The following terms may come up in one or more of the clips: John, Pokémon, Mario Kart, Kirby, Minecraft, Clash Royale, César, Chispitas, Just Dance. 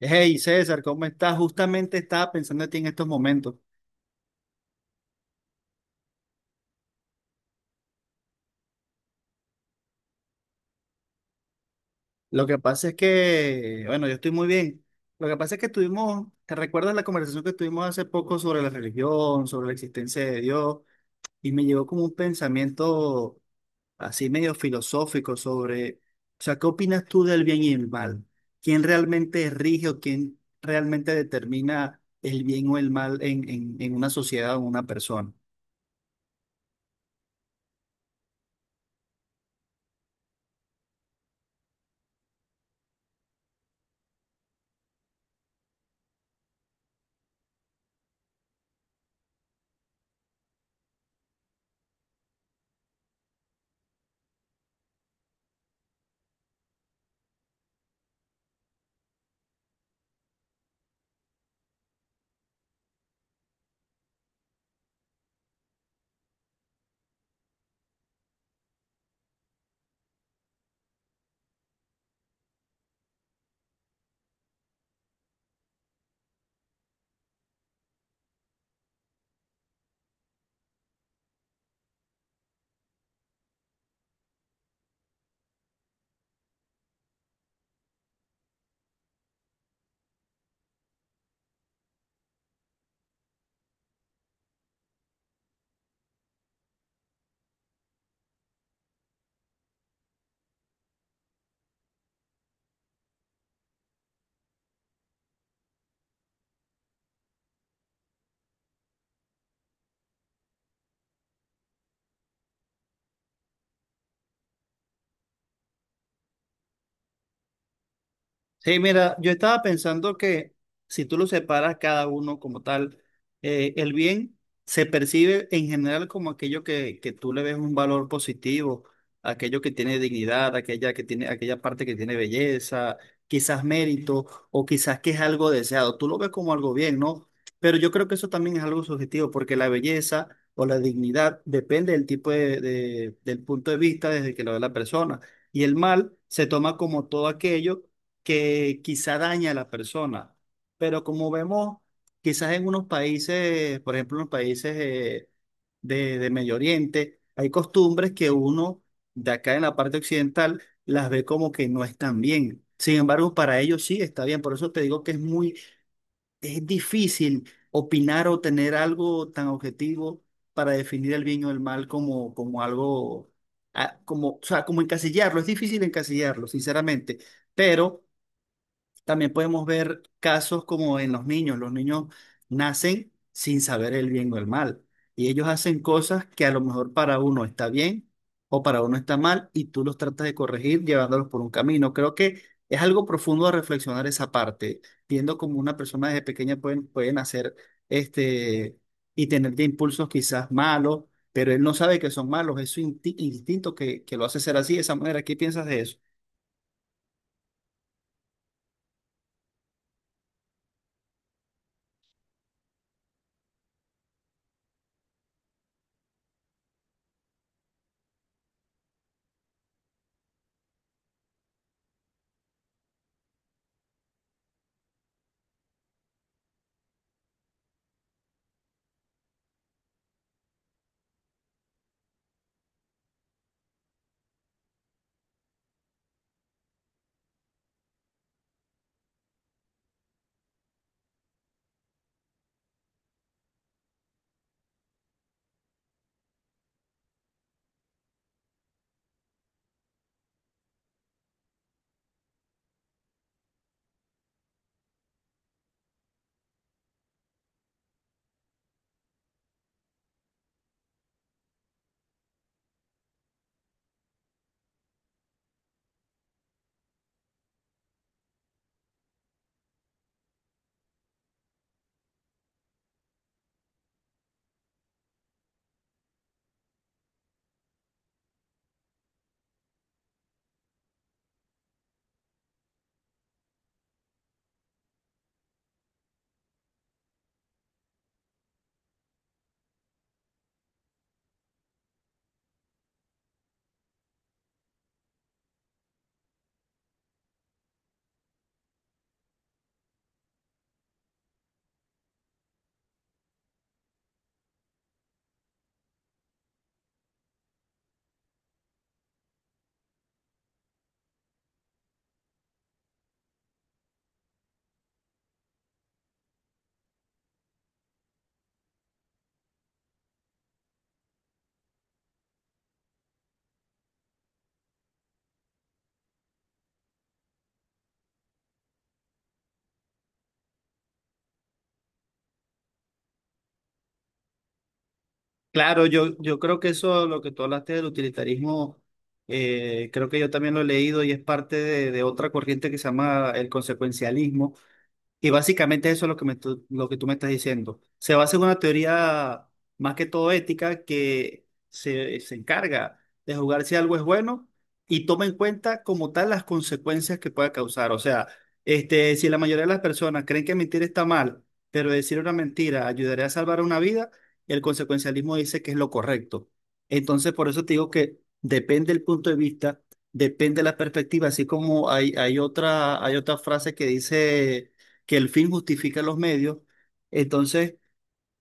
Hey César, ¿cómo estás? Justamente estaba pensando en ti en estos momentos. Lo que pasa es que, bueno, yo estoy muy bien. Lo que pasa es que tuvimos, ¿te recuerdas la conversación que tuvimos hace poco sobre la religión, sobre la existencia de Dios? Y me llegó como un pensamiento así medio filosófico sobre, o sea, ¿qué opinas tú del bien y el mal? ¿Quién realmente rige o quién realmente determina el bien o el mal en, en una sociedad o en una persona? Sí, mira, yo estaba pensando que si tú lo separas cada uno como tal, el bien se percibe en general como aquello que tú le ves un valor positivo, aquello que tiene dignidad, aquella que tiene, aquella parte que tiene belleza, quizás mérito, o quizás que es algo deseado. Tú lo ves como algo bien, ¿no? Pero yo creo que eso también es algo subjetivo, porque la belleza o la dignidad depende del tipo del punto de vista desde que lo ve la persona. Y el mal se toma como todo aquello que quizá daña a la persona, pero como vemos, quizás en unos países, por ejemplo, en los países de Medio Oriente, hay costumbres que uno de acá en la parte occidental las ve como que no están bien. Sin embargo, para ellos sí está bien. Por eso te digo que es difícil opinar o tener algo tan objetivo para definir el bien o el mal como, como algo, como, o sea, como encasillarlo. Es difícil encasillarlo, sinceramente. Pero también podemos ver casos como en los niños. Los niños nacen sin saber el bien o el mal. Y ellos hacen cosas que a lo mejor para uno está bien o para uno está mal y tú los tratas de corregir llevándolos por un camino. Creo que es algo profundo a reflexionar esa parte, viendo cómo una persona desde pequeña pueden hacer este y tener de impulsos quizás malos, pero él no sabe que son malos. Es su instinto que lo hace ser así, de esa manera. ¿Qué piensas de eso? Claro, yo creo que eso, lo que tú hablaste del utilitarismo, creo que yo también lo he leído y es parte de otra corriente que se llama el consecuencialismo, y básicamente eso es lo que lo que tú me estás diciendo. Se basa en una teoría más que todo ética que se encarga de jugar si algo es bueno y toma en cuenta como tal las consecuencias que pueda causar. O sea, este, si la mayoría de las personas creen que mentir está mal, pero decir una mentira ayudaría a salvar una vida, el consecuencialismo dice que es lo correcto. Entonces, por eso te digo que depende el punto de vista, depende de la perspectiva, así como hay otra frase que dice que el fin justifica los medios. Entonces,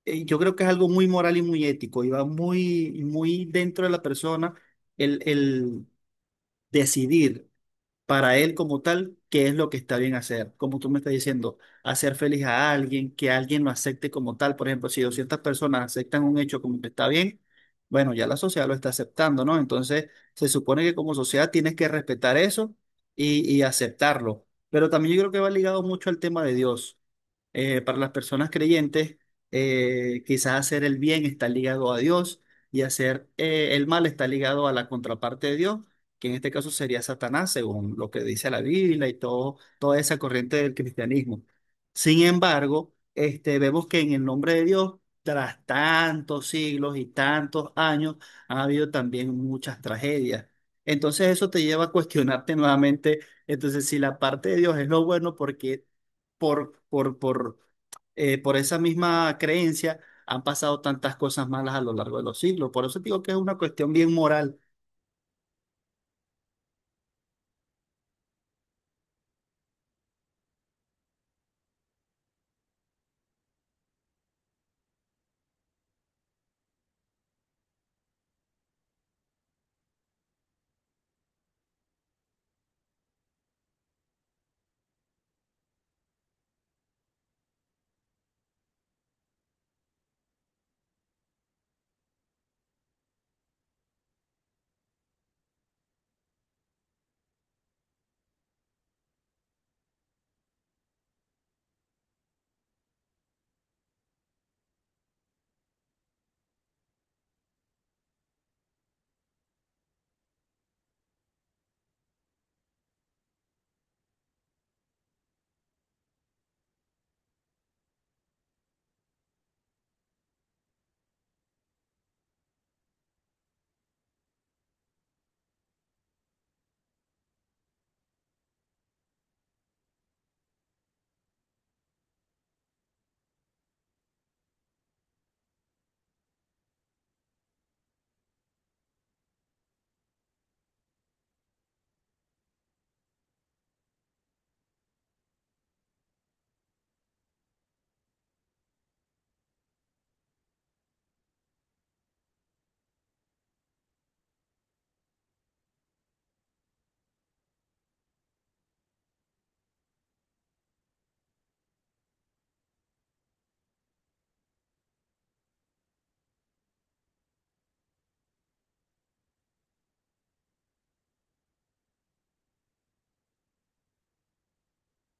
yo creo que es algo muy moral y muy ético y va muy dentro de la persona el decidir para él como tal, qué es lo que está bien hacer. Como tú me estás diciendo, hacer feliz a alguien, que alguien lo acepte como tal. Por ejemplo, si 200 personas aceptan un hecho como que está bien, bueno, ya la sociedad lo está aceptando, ¿no? Entonces, se supone que como sociedad tienes que respetar eso y aceptarlo. Pero también yo creo que va ligado mucho al tema de Dios. Para las personas creyentes, quizás hacer el bien está ligado a Dios y hacer el mal está ligado a la contraparte de Dios que en este caso sería Satanás, según lo que dice la Biblia y todo, toda esa corriente del cristianismo. Sin embargo, este, vemos que en el nombre de Dios, tras tantos siglos y tantos años, ha habido también muchas tragedias. Entonces eso te lleva a cuestionarte nuevamente, entonces si la parte de Dios es lo bueno, porque por, por, por, por esa misma creencia han pasado tantas cosas malas a lo largo de los siglos. Por eso digo que es una cuestión bien moral.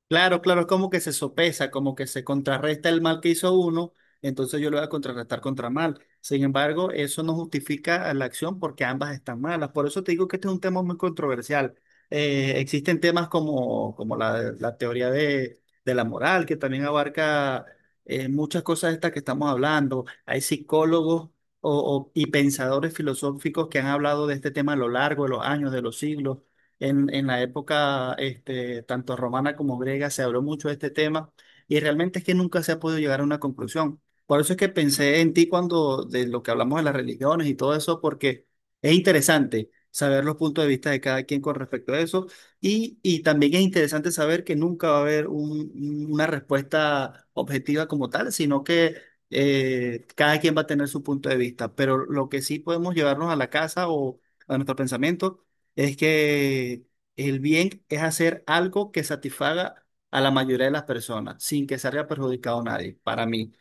Claro, claro, es como que se sopesa, como que se contrarresta el mal que hizo uno, entonces yo lo voy a contrarrestar contra mal. Sin embargo, eso no justifica la acción porque ambas están malas. Por eso te digo que este es un tema muy controversial. Existen temas como, como la teoría de la moral, que también abarca muchas cosas de estas que estamos hablando. Hay psicólogos o- y pensadores filosóficos que han hablado de este tema a lo largo de los años, de los siglos. En la época este, tanto romana como griega se habló mucho de este tema y realmente es que nunca se ha podido llegar a una conclusión. Por eso es que pensé en ti cuando de lo que hablamos de las religiones y todo eso, porque es interesante saber los puntos de vista de cada quien con respecto a eso y también es interesante saber que nunca va a haber una respuesta objetiva como tal, sino que cada quien va a tener su punto de vista. Pero lo que sí podemos llevarnos a la casa o a nuestro pensamiento es que el bien es hacer algo que satisfaga a la mayoría de las personas sin que salga perjudicado a nadie, para mí.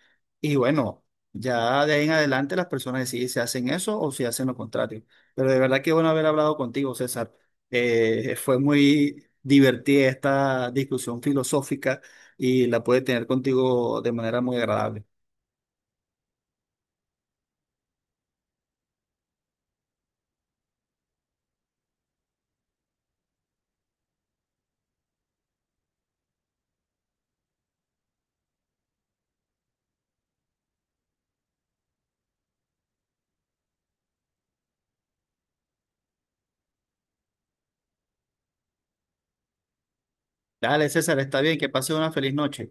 Y bueno, ya de ahí en adelante las personas deciden si hacen eso o si hacen lo contrario. Pero de verdad que bueno haber hablado contigo, César. Fue muy divertida esta discusión filosófica y la pude tener contigo de manera muy agradable. Dale, César, está bien, que pases una feliz noche.